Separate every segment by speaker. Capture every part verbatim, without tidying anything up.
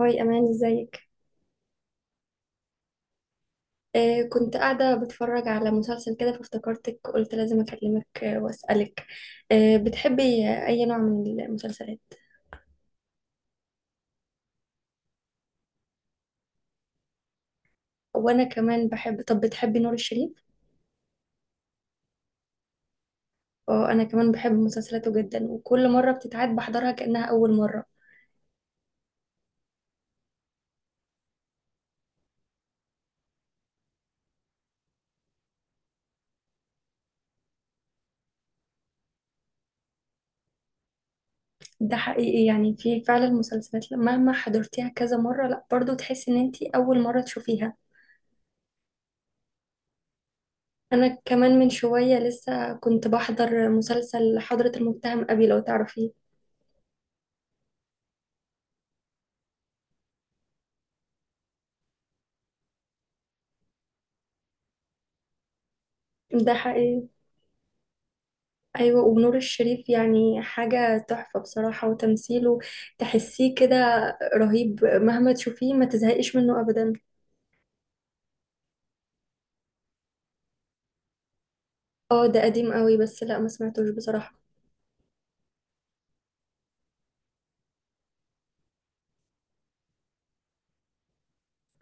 Speaker 1: هاي أمان، ازيك؟ آه كنت قاعدة بتفرج على مسلسل كده فافتكرتك، قلت لازم أكلمك آه وأسألك. آه بتحبي آه، أي نوع من المسلسلات؟ وأنا كمان بحب. طب بتحبي نور الشريف؟ اه، أنا كمان بحب مسلسلاته جدا، وكل مرة بتتعاد بحضرها كأنها أول مرة. ده حقيقي، يعني في فعلا مسلسلات مهما حضرتيها كذا مرة لا برضو تحسي إن أنتي أول مرة تشوفيها. أنا كمان من شوية لسه كنت بحضر مسلسل حضرة المتهم أبي، لو تعرفيه. ده حقيقي. ايوه، ونور الشريف يعني حاجة تحفة بصراحة، وتمثيله تحسيه كده رهيب، مهما تشوفيه ما تزهقيش منه ابدا. اه ده قديم قوي، بس لا ما سمعتوش بصراحة.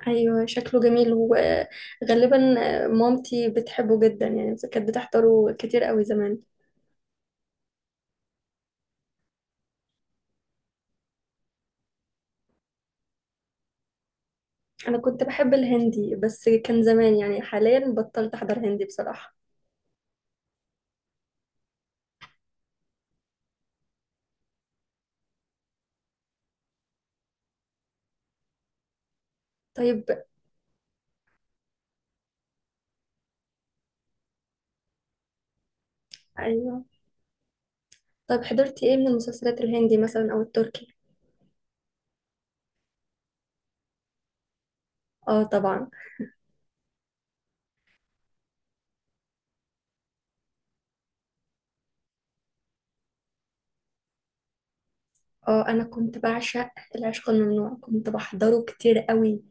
Speaker 1: ايوه شكله جميل، وغالبا مامتي بتحبه جدا، يعني كانت بتحضره كتير قوي زمان. انا كنت بحب الهندي بس كان زمان، يعني حاليا بطلت احضر هندي بصراحة. طيب. ايوه، طيب حضرتي ايه من المسلسلات الهندي مثلا او التركي؟ اه طبعا. اه انا كنت بعشق العشق الممنوع، كنت بحضره كتير قوي.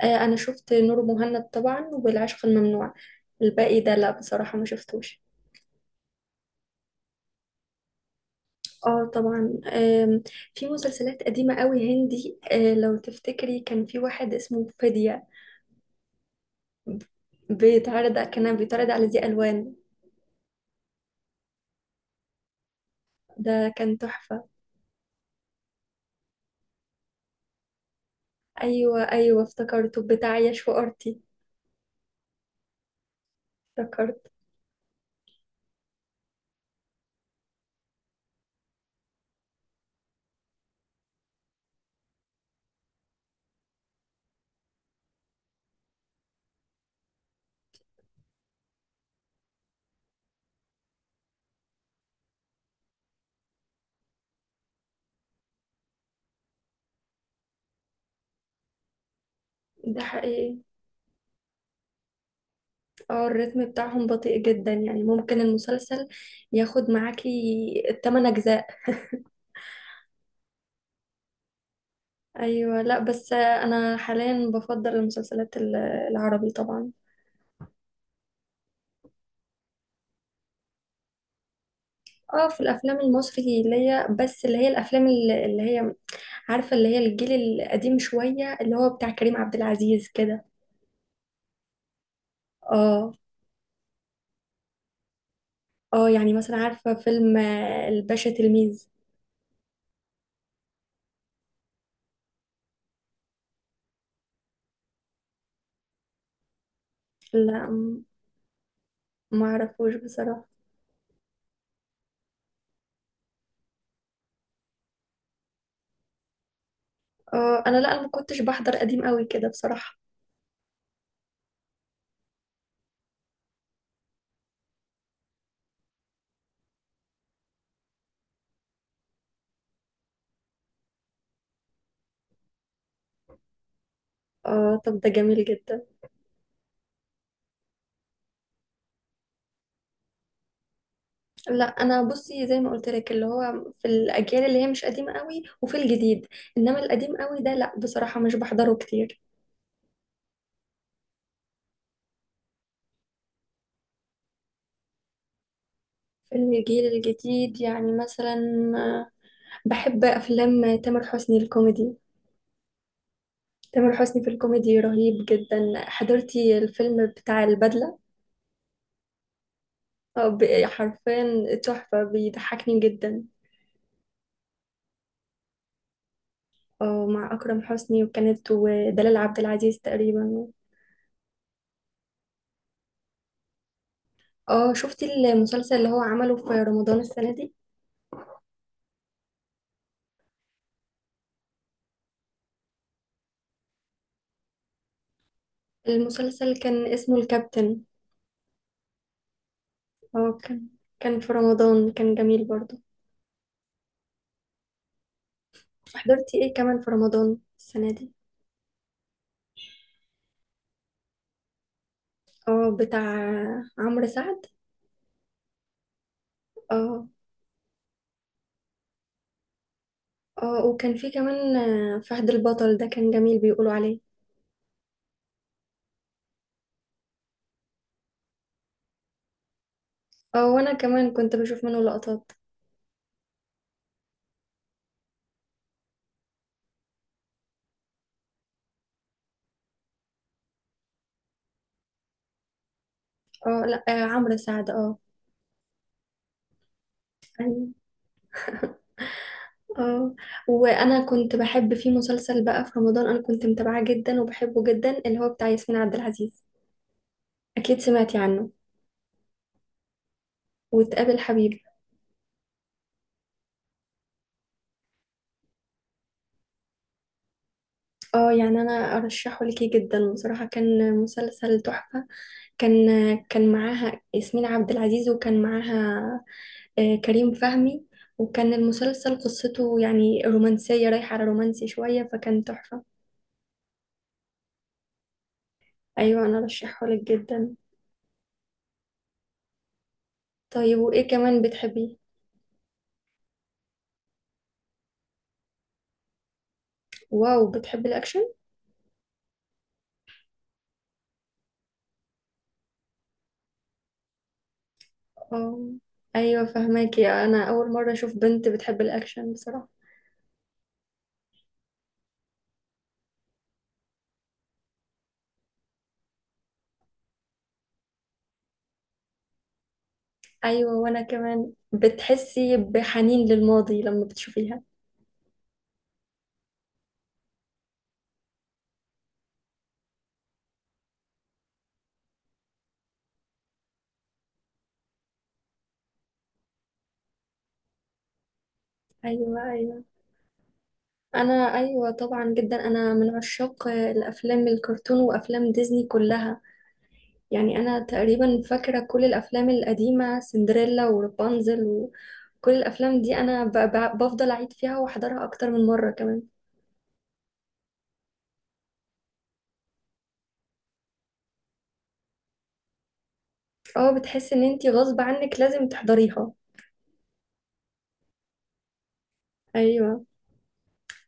Speaker 1: آه انا شفت نور مهند طبعا والعشق الممنوع، الباقي ده لا بصراحة ما شفتوش. اه طبعا. آم، في مسلسلات قديمة قوي هندي، آه لو تفتكري كان في واحد اسمه فدية، بيتعرض كان بيتعرض على ذي ألوان. ده كان تحفة. ايوه ايوه، افتكرته بتاع ياش وارتي. افتكرت. ده حقيقي. اه الريتم بتاعهم بطيء جدا، يعني ممكن المسلسل ياخد معاكي التمن أجزاء. أيوة. لا بس أنا حاليا بفضل المسلسلات ال- العربي طبعا. اه في الأفلام المصري ليا، بس اللي هي الأفلام ال- اللي هي، عارفة اللي هي الجيل القديم شوية، اللي هو بتاع كريم عبد العزيز كده. اه. اه يعني مثلا عارفة فيلم آه، الباشا تلميذ. لا م- معرفوش بصراحة. اه أنا لا، أنا ما كنتش بحضر قديم قوي كده بصراحة. اه طب ده جميل جدا. لا انا بصي زي ما قلت لك، اللي هو في الاجيال اللي هي مش قديمه قوي وفي الجديد، انما القديم قوي ده لا بصراحه مش بحضره كتير. في الجيل الجديد يعني مثلا بحب افلام تامر حسني الكوميدي. تامر حسني في الكوميدي رهيب جدا. حضرتي الفيلم بتاع البدله؟ آه، ب- حرفيا تحفه، بيضحكني جدا. اه مع اكرم حسني وكانت ودلال عبد العزيز تقريبا. اه شفتي المسلسل اللي هو عمله في رمضان السنه دي؟ المسلسل كان اسمه الكابتن. اه كان، كان في رمضان، كان جميل برضو. حضرتي ايه كمان في رمضان السنة دي؟ اه بتاع عمرو سعد. اه. اه وكان في كمان آه، فهد البطل ده كان جميل بيقولوا عليه. اه وانا كمان كنت بشوف منه لقطات. اه لا، آه، عمرو سعد اه. أيوة. اه وانا كنت بحب في مسلسل بقى في رمضان انا كنت متابعاه جدا وبحبه جدا، اللي هو بتاع ياسمين عبد العزيز، اكيد سمعتي عنه، وتقابل حبيب. اه يعني انا ارشحه ليكي جدا بصراحة، كان مسلسل تحفة. كان، كان معاها ياسمين عبد العزيز، وكان معاها آه، كريم فهمي، وكان المسلسل قصته يعني رومانسية رايحة على رومانسي شوية، فكان تحفة. ايوه انا ارشحه لك جدا. طيب وايه كمان بتحبيه؟ واو، بتحبي الاكشن؟ اه. ايوه فهماكي، انا اول مرة اشوف بنت بتحب الاكشن بصراحة. ايوه، وانا كمان بتحسي بحنين للماضي لما بتشوفيها. ايوه ايوه. انا ايوه طبعا، جدا، انا من عشاق الافلام الكرتون وافلام ديزني كلها. يعني انا تقريبا فاكره كل الافلام القديمه، سندريلا ورابنزل وكل الافلام دي، انا ب- ب- بفضل اعيد فيها واحضرها اكتر من مره كمان. اه بتحس ان انتي غصب عنك لازم تحضريها. ايوه.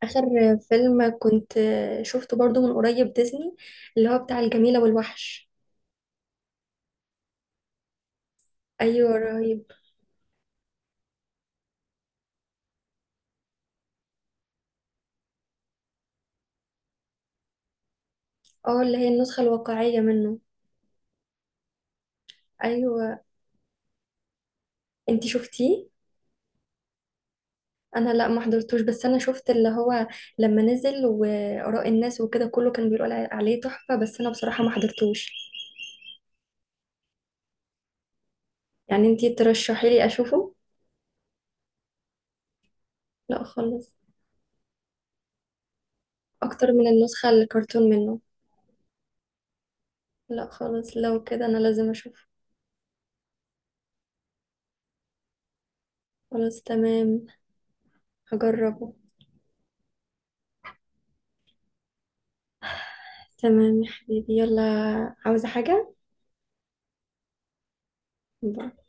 Speaker 1: اخر فيلم كنت شفته برضو من قريب ديزني، اللي هو بتاع الجميله والوحش. ايوه رهيب. اه اللي هي النسخه الواقعيه منه. ايوه. انتي شفتيه؟ انا لا، ما حضرتوش، بس انا شفت اللي هو لما نزل واراء الناس وكده، كله كان بيقول علي- عليه تحفة، بس انا بصراحة ما حضرتوش. يعني انتي ترشحي لي اشوفه؟ لا خالص. اكتر من النسخة الكرتون منه؟ لا خالص، لو كده انا لازم اشوفه. خلاص تمام هجربه. تمام يا حبيبي، يلا. عاوزة حاجة؟ باي.